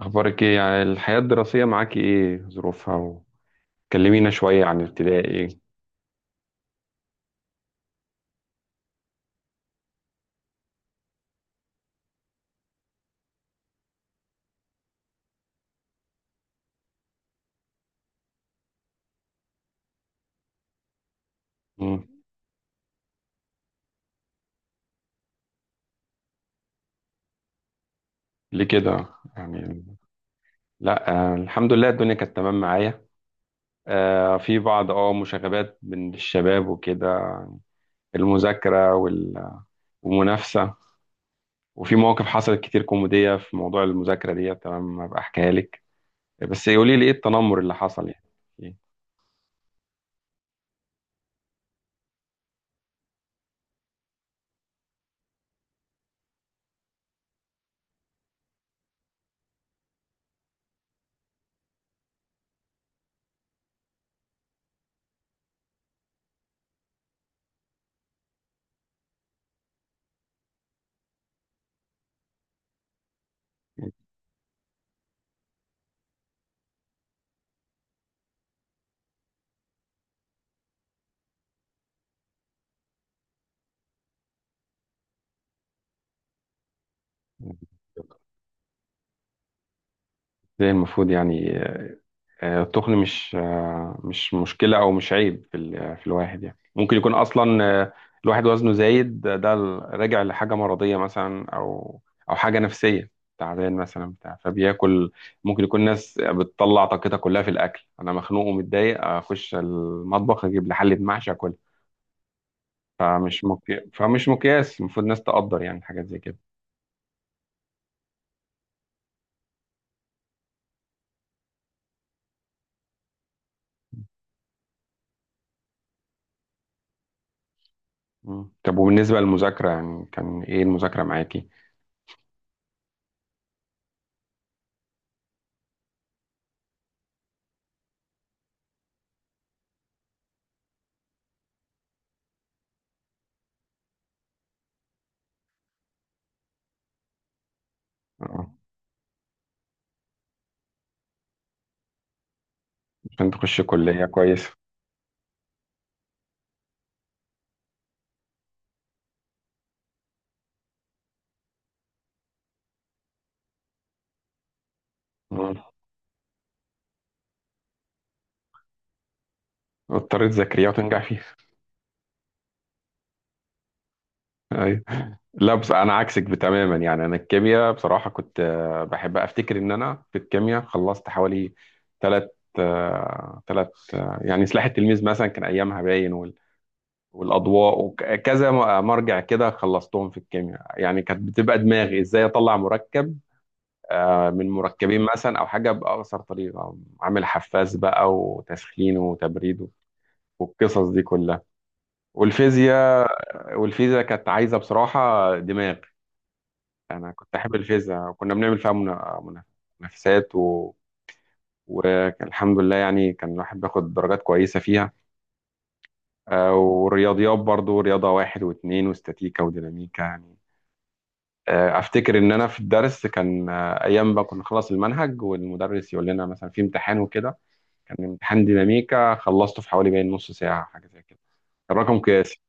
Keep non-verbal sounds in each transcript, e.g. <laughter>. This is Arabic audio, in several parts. أخبارك إيه؟ يعني الحياة الدراسية معاكي إيه ظروفها؟ وكلمينا شوية عن ابتدائي. مم. ليه كده؟ يعني. لأ الحمد لله الدنيا كانت تمام معايا. في بعض مشاغبات من الشباب وكده، المذاكرة والمنافسة. وفي مواقف حصلت كتير كوميدية في موضوع المذاكرة دي، تمام، أبقى أحكيها لك. بس قولي لي إيه التنمر اللي حصل يعني؟ إيه؟ إزاي المفروض يعني. التخن مش مشكلة أو مش عيب في الواحد، يعني ممكن يكون أصلا الواحد وزنه زايد، ده راجع لحاجة مرضية مثلا، أو حاجة نفسية، تعبان مثلا بتاع فبياكل. ممكن يكون ناس بتطلع طاقتها كلها في الأكل، أنا مخنوق ومتضايق أخش المطبخ أجيب لي حلة محشي أكلها. فمش مقياس. المفروض الناس تقدر يعني حاجات زي كده. مم. طب وبالنسبة للمذاكرة، يعني كان إيه المذاكرة معاكي؟ آه، عشان تخشي كلية كويسة. اضطريت ذاكريها وتنجح فيها. ايوه. لا بس انا عكسك تماما، يعني انا الكيمياء بصراحه كنت بحب. افتكر ان انا في الكيمياء خلصت حوالي ثلاث ثلاث يعني سلاح التلميذ مثلا كان ايامها باين والاضواء وكذا مرجع كده، خلصتهم في الكيمياء. يعني كانت بتبقى دماغي ازاي اطلع مركب من مركبين مثلا، او حاجه باقصر طريقه عامل حفاز بقى وتسخين وتبريد والقصص دي كلها. والفيزياء، والفيزا كانت عايزة بصراحة دماغ. أنا كنت أحب الفيزا وكنا بنعمل فيها منافسات و... والحمد لله يعني كان الواحد بياخد درجات كويسة فيها. والرياضيات برضو، رياضة واحد واثنين واستاتيكا وديناميكا يعني. أفتكر إن أنا في الدرس كان أيام بقى كنا نخلص المنهج والمدرس يقول لنا مثلا في امتحان وكده، كان امتحان ديناميكا خلصته في حوالي باين نص ساعة حاجة زي كده، كان رقم قياسي.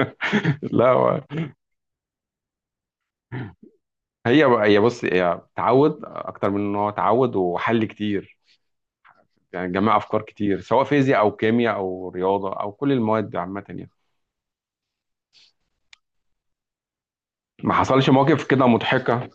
<laughs> لا. هي بص، هي تعود اكتر من ان هو تعود وحل كتير، يعني جمع افكار كتير سواء فيزياء او كيمياء او رياضه او كل المواد دي عامه يعني. ما حصلش مواقف كده مضحكه؟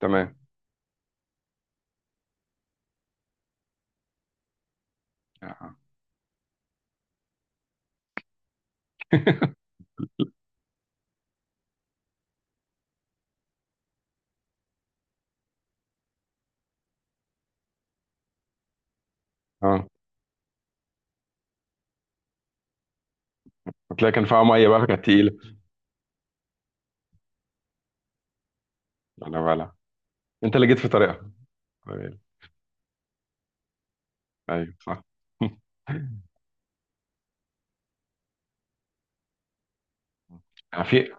تمام. اه. <laughs> آه. هتلاقي كان فيها ميه بقى، كانت تقيله. لا لا بقى، لا، انت اللي جيت في طريقها. طيب. ايوه صح. <laughs> في،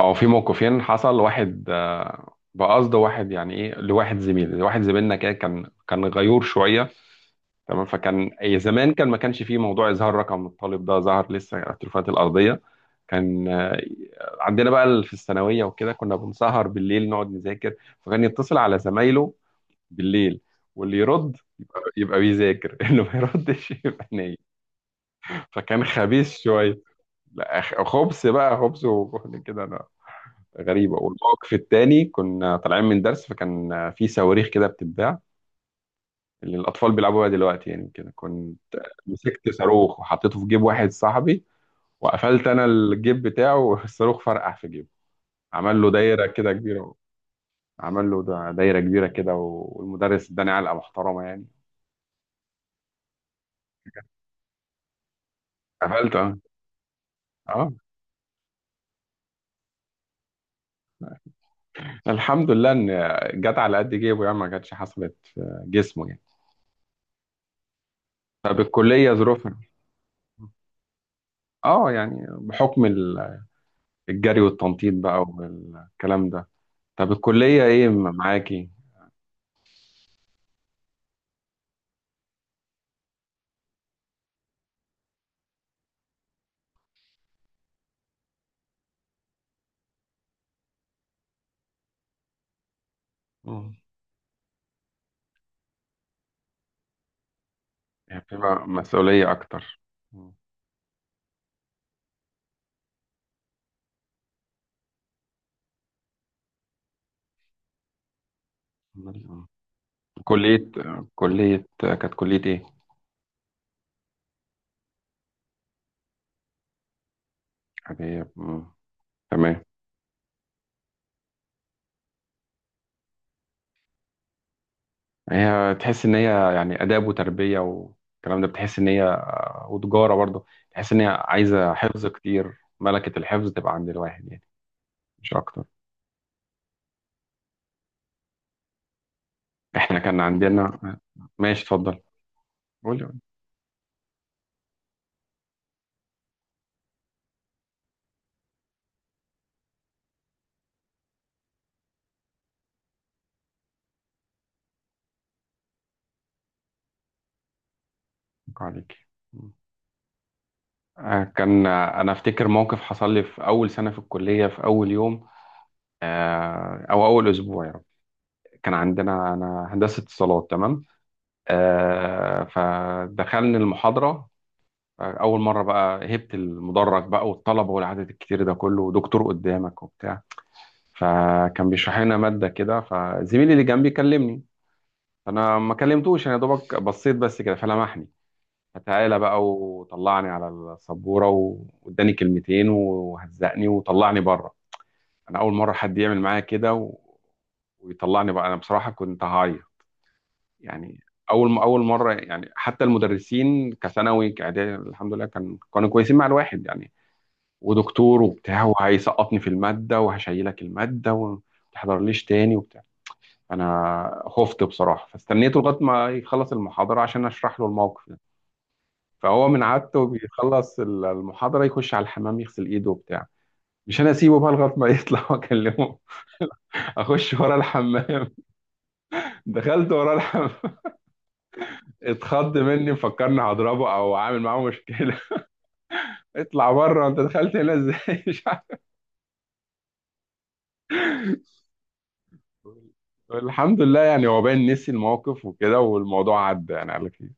او في موقفين حصل. واحد بقصد واحد يعني ايه، لواحد زميل، واحد زميلنا كده كان غيور شويه. تمام. فكان أي زمان كان ما كانش فيه موضوع اظهار رقم الطالب، ده ظهر لسه على التليفونات الارضيه. كان عندنا بقى في الثانويه وكده كنا بنسهر بالليل نقعد نذاكر. فكان يتصل على زمايله بالليل، واللي يرد يبقى بيذاكر، <laughs> اللي ما يردش يبقى نايم. فكان خبيث شويه. لا خبث بقى، خبث وكده. غريبة. والموقف التاني كنا طالعين من درس، فكان في صواريخ كده بتتباع، اللي الأطفال بيلعبوا بيها دلوقتي يعني. كده كنت مسكت صاروخ وحطيته في جيب واحد صاحبي، وقفلت أنا الجيب بتاعه، والصاروخ فرقع في جيبه. عمل له دايرة كده كبيرة. عمل له دايرة كبيرة كده، والمدرس اداني علقة محترمة يعني. قفلت اه. اه، الحمد لله ان جت على قد جيبه يعني، ما كانتش حصلت جسمه يعني. طب الكلية ظروفها؟ اه يعني بحكم الجري والتنطيط بقى والكلام ده. طب الكلية ايه معاكي؟ اه يعني، في مسؤولية اكتر. آه. آه. كلية. كلية كانت كلية ايه؟ عادية. مم. تمام. هي تحس ان هي يعني آداب وتربية والكلام ده بتحس ان هي، وتجارة برضه تحس ان هي عايزة حفظ كتير، ملكة الحفظ تبقى عند الواحد يعني، مش اكتر. احنا كان عندنا. ماشي اتفضل. قولي. أتوقع عليك. مم. كان انا افتكر موقف حصل لي في اول سنة في الكلية في اول يوم، او اول اسبوع يعني. كان عندنا انا هندسه اتصالات تمام. فدخلنا المحاضره. اول مره بقى هبت المدرج بقى والطلبه والعدد الكتير ده كله ودكتور قدامك وبتاع، فكان بيشرح لنا ماده كده، فزميلي اللي جنبي كلمني. فانا ما كلمتوش، انا يا دوبك بصيت بس كده، فلمحني. فتعالى بقى وطلعني على السبوره، واداني كلمتين وهزقني وطلعني بره. انا اول مره حد يعمل معايا كده و... ويطلعني بقى، انا بصراحه كنت هعيط يعني. اول مره يعني، حتى المدرسين كثانوي كاعدادي الحمد لله كانوا كويسين مع الواحد يعني. ودكتور وبتاع وهيسقطني في الماده وهشيلك الماده وما تحضرليش تاني وبتاع. انا خفت بصراحه، فاستنيته لغايه ما يخلص المحاضره عشان اشرح له الموقف ده. فهو من عادته بيخلص المحاضره يخش على الحمام يغسل ايده وبتاع. مش انا اسيبه بقى لغايه ما يطلع واكلمه. <laughs> اخش ورا الحمام. دخلت وراه الحمام. <laughs> اتخض مني، مفكرني هضربه او عامل معاه مشكله. <laughs> اطلع بره، انت دخلت هنا ازاي؟ <laughs> مش عارف. الحمد لله يعني هو باين نسي الموقف وكده والموضوع عدى يعني، قال لك إيه.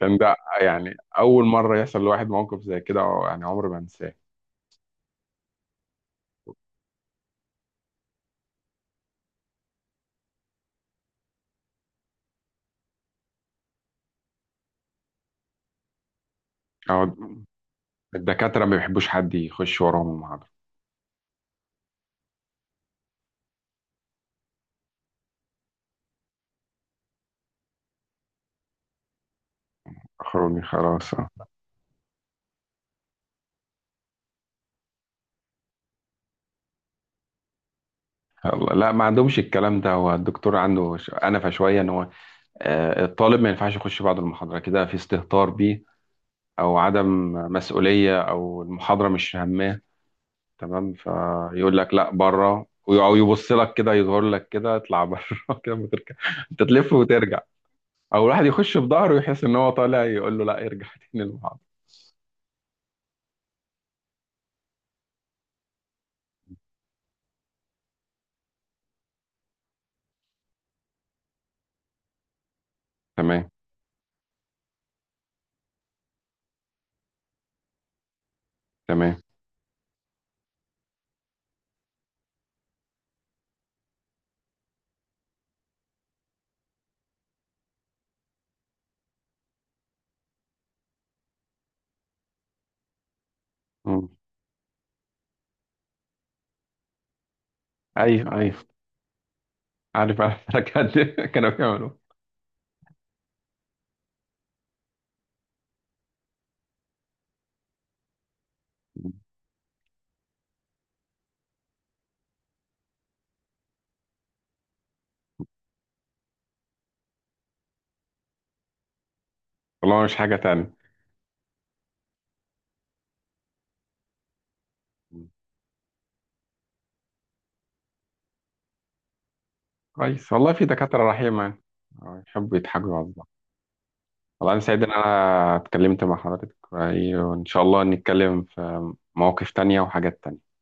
كان ده يعني اول مره يحصل لواحد موقف زي كده، أو يعني عمري ما انساه. أو الدكاتره ما بيحبوش حد يخش وراهم المحاضره. اخروني خلاص آه. يلا لا، ما عندهمش الكلام ده، هو الدكتور عنده انفه شويه ان هو الطالب ما ينفعش يخش بعد المحاضره كده، في استهتار بيه او عدم مسؤوليه او المحاضره مش هامه. تمام. فيقول لك لا بره، او يبص لك كده يظهر لك كده اطلع بره. <laughs> كده وترجع، انت تلف وترجع. او الواحد يخش بظهره يحس ان هو طالع يقول له لا ارجع <laughs> تاني المحاضره. تمام. تمام. مم. ايوه ايوه. عارف عارف. <laughs> كانوا بيعملوا. والله مش حاجه تانية. كويس، والله في دكاتره رحيمه يعني. يحبوا يضحكوا على بعض. والله أنا سعيد إن أنا اتكلمت مع حضرتك وإيه، وإن شاء الله نتكلم في مواقف تانية وحاجات تانية.